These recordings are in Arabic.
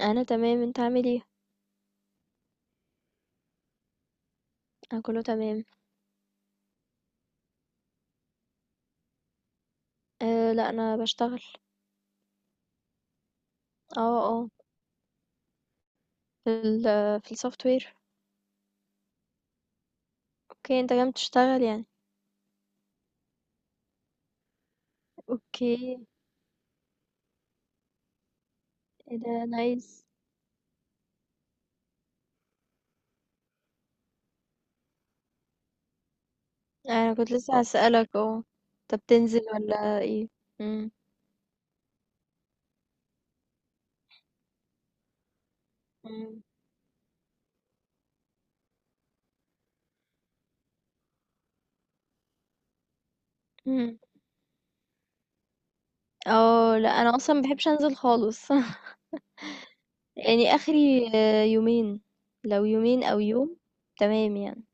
أنا تمام، أنت عامل إيه؟ أنا كله تمام. آه لأ أنا باشتغل. آه، آه، في ال في الsoftware. أوكي أنت كمان بتشتغل يعني. أوكي، إيه ده nice. أنا كنت لسه هاسألك، أنت بتنزل والّا إيه؟ إمم. إمم. إمم. آه، لأ أنا أصلًا ما باحبش أنزل خالص. يعني آخري يومين، لو يومين أو يوم تمام يعني.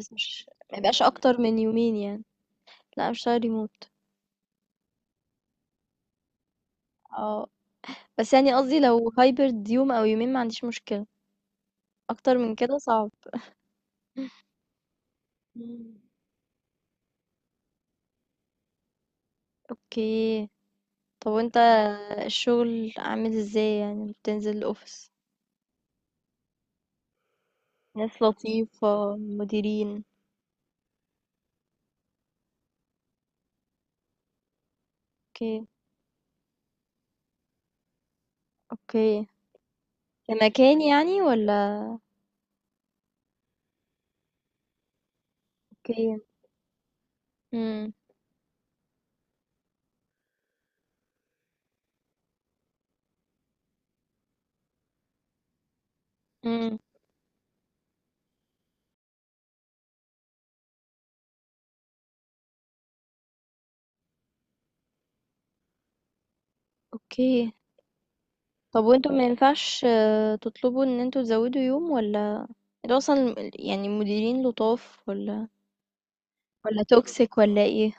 بس مش ما يبقاش أكتر من يومين يعني. لأ أنا باشتغل remote. آه، بس يعني قصدي لو hybrid يوم أو يومين ما عنديش مشكلة. أكتر من كده صعب. مم. اوكي. طب وانت الشغل عامل ازاي؟ يعني بتنزل الأوفيس؟ ناس لطيفة، مديرين؟ اوكي. اوكي. كمكان يعني ولا؟ اوكي. امم. امم. اوكي. طب وانتوا ما ينفعش، تطلبوا ان انتوا تزودوا يوم ولا؟ انتوا اصلا يعني المديرين لطاف ولا، ولا توكسيك ولا ايه؟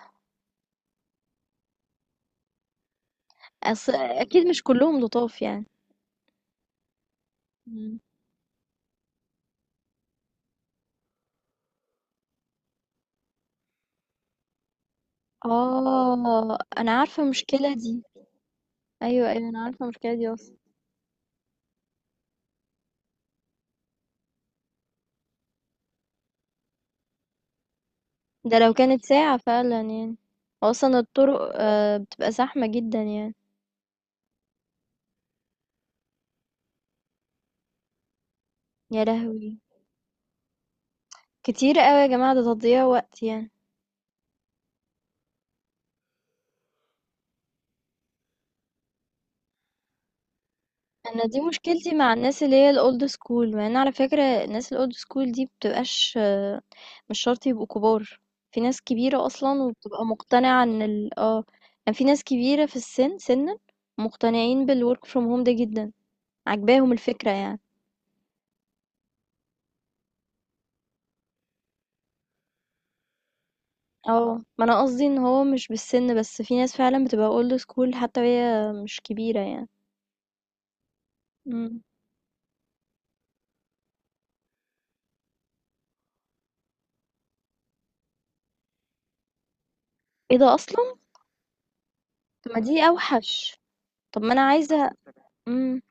أصل اكيد مش كلهم لطاف يعني. إمم. آه، أنا عارفة المشكلة دي. أيوه، أيوه، أنا عارفة المشكلة دي أصلًا. ده لو كانت ساعة فعلًا يعني. وأصلًا الطرق بتبقى زحمة جدًا يعني. يا لهوي! كتير أوي يا جماعة، ده تضييع وقت يعني. أنا دي مشكلتي مع الناس اللي هي الold school، مع إن على فكرة الناس الold school دي بتبقاش، مش شرط يبقوا كبار. في ناس كبيرة أصلًا وبتبقى مقتنعة إن ال آه، يعني في ناس كبيرة في السِن سِنًا مقتنعين بالwork from home ده جدًا، عاجباهم الفكرة يعني. آه، ما أنا قصدي إن هو مش بالسن، بس في ناس فعلًا بتبقى old school حتى وهي مش كبيرة يعني. إمم. إيه ده أصلًا! طب ما دي أوحش. طب ما أنا عايزة إمم.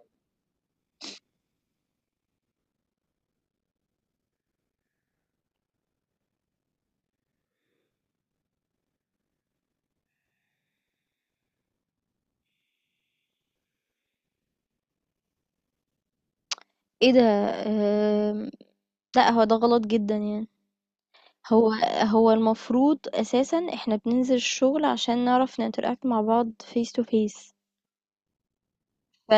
إيه ده. آمم. لأ هو ده غلط جدًا يعني. هو هو المفروض أساسًا إحنا بننزل الشغل عشان نعرف نinteract مع بعض face to face. ف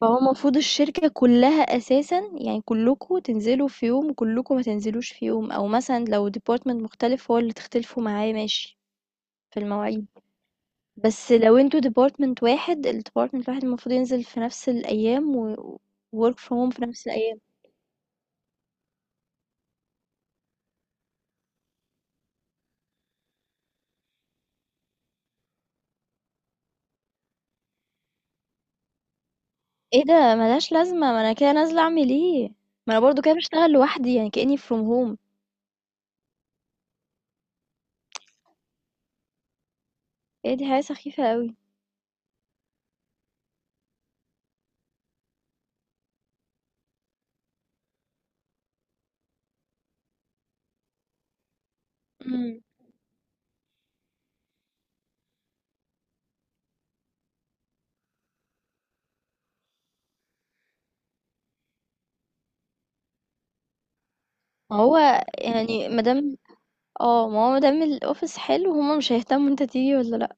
فهو المفروض الشركة كلها أساسًا يعني كلكم تنزلوا في يوم وكلكم ما تنزلوش في يوم، أو مثلًا لو department مختلف هو اللي تختلفوا معاه ماشي. في المواعيد. بس لو انتوا ديبارتمنت واحد، الديبارتمنت الواحد المفروض ينزل في نفس الايام و work from home في نفس الايام. ايه ده ملهاش لازمه، ما انا كده نازله اعمل ايه؟ ما انا برضو كده بشتغل لوحدي يعني كاني from home. ايه دي حاجه سخيفه قوي. امم. ما هو يعني مادام اه ما هو مادام الاوفيس حلو هما مش هيهتموا انت تيجي ولا لا.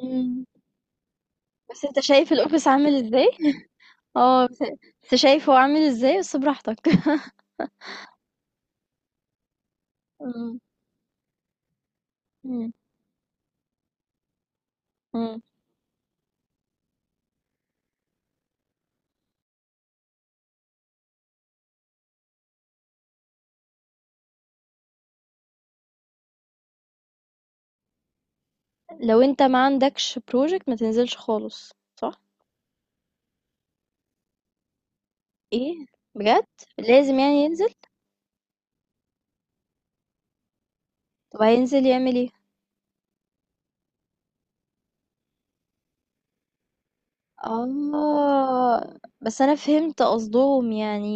امم. بس انت شايف الاوفيس عامل ازاي. اه بس بس شايف هو عامل ازاي، بس براحتك. امم. امم. لو أنت ما عندكش project ما تنزلش خالص، صح؟ إيه؟ بجد؟ لازم يعني ينزل؟ طب هينزل يعمل إيه؟ آه بس أنا فهمت قصدهم يعني.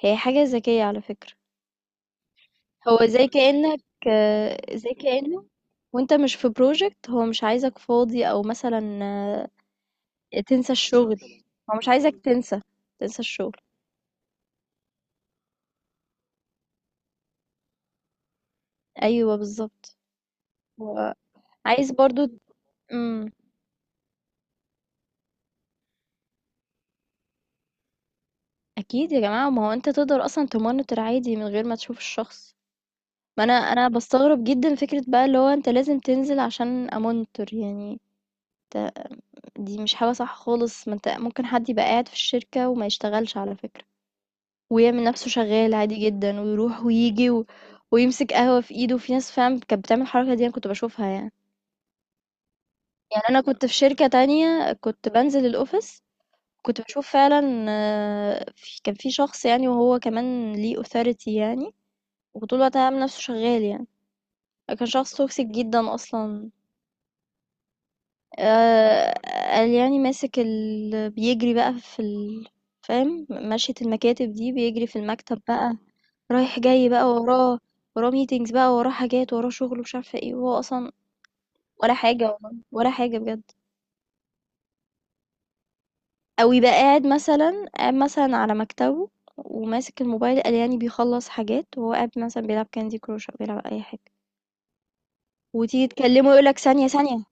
هي حاجة ذكية على فكرة. هو زي كأنك آه، زي كأنه. وانت مش في بروجكت هو مش عايزك فاضي او مثلا، تنسى الشغل. هو مش عايزك تنسى. تنسى الشغل. ايوه بالظبط. هو عايز برضو. مم. أكيد يا جماعة، ما هو أنت تقدر أصلًا تmonitor عادي من غير ما تشوف الشخص. ما أنا باستغرب جدًا فكرة بقى، اللي هو أنت لازم تنزل عشان أmonitor يعني. أنت دي مش حاجة صح خالص، ما أنت ممكن حد يبقى قاعد في الشركة وما يشتغلش على فكرة، ويعمل نفسه شغال عادي جدًا، ويروح وييجي ويمسك قهوة في إيده. في ناس فعلًا كانت بتعمل الحركة دي، أنا كنت باشوفها يعني. يعني أنا كنت في شركة تانية كنت بانزل الoffice. كنت باشوف فعلًا، كان في شخص يعني، وهو كمان ليه authority يعني، وطول الوقت عامل نفسه شغال يعني. كان شخص توكسيك جدا اصلا. آه. قال يعني ماسك بيجري بقى في فاهم مشية المكاتب دي، بيجري في المكتب بقى، رايح جاي بقى وراه. وراه ميتينجز بقى، وراه حاجات، وراه شغل ومش عارفه ايه، وهو اصلا ولا حاجه والله، ولا حاجه بجد. او يبقى قاعد مثلا، على مكتبه وماسك الموبايل، قال يعني بيخلص حاجات، وهو قاعد مثلا بيلعب كاندي كروش او بيلعب اي حاجه. وتيجي تكلمه يقولك ثانيه ثانيه.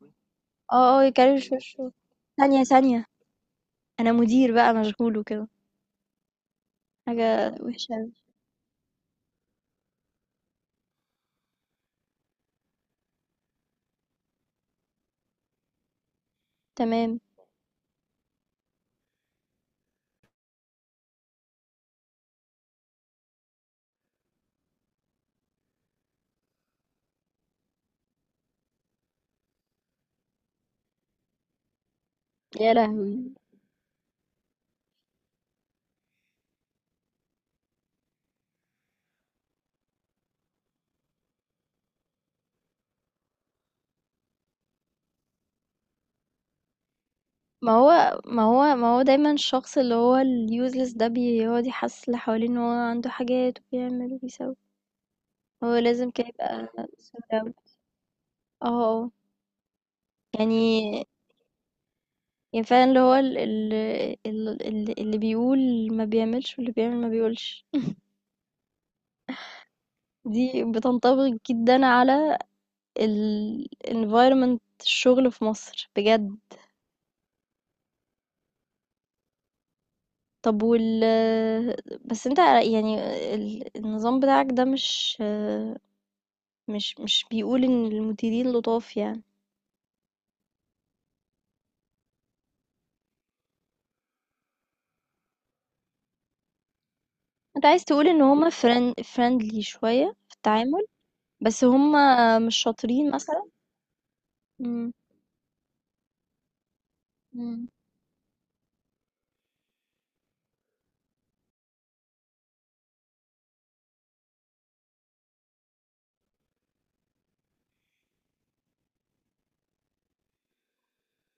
اه اه، يكرش وشه. ثانية ثانية، انا مدير بقى مشغول وكده. حاجة وحشة اوي. تمام. يا لهوي. ما هو دايما الشخص اللي هو اليوزلس ده بيقعد يحسس اللي حواليه ان هو عنده حاجات، وبيعمل وبيسوي. هو لازم كده يبقى سوداوي. اه. اه. يعني يعني فعلا اللي هو اللي بيقول ما بيعملش، واللي بيعمل ما بيقولش. دي بتنطبق جدا على ال environment الشغل في مصر بجد. طب وال بس أنت يعني النظام بتاعك ده مش بيقول إن المديرين لطاف يعني. أنت عايز تقول إن هُم friendly شوية في التعامل، بس هُم مش شاطرين مثلًا؟ إمم. إمم.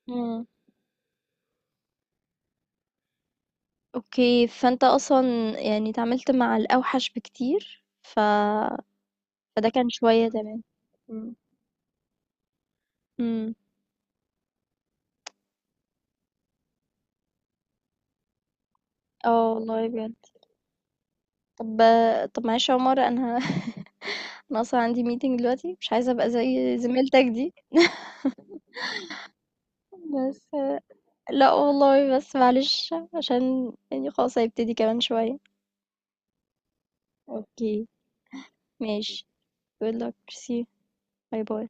إمم. أوكي، فأنت أصلًا يعني اتعاملت مع الأوحش بكتير، فده كان شوية تمام. إمم. إمم. آه والله بجد. طب طب معلش يا عمر، أنا أنا أصلا عندي meeting دلوقتي مش عايزة أبقى زي زميلتك دي. بس لا والله بس معلش، عشان يعني خلاص هيبتدي كمان شوية. اوكي. ماشي. good luck, see you. باي باي.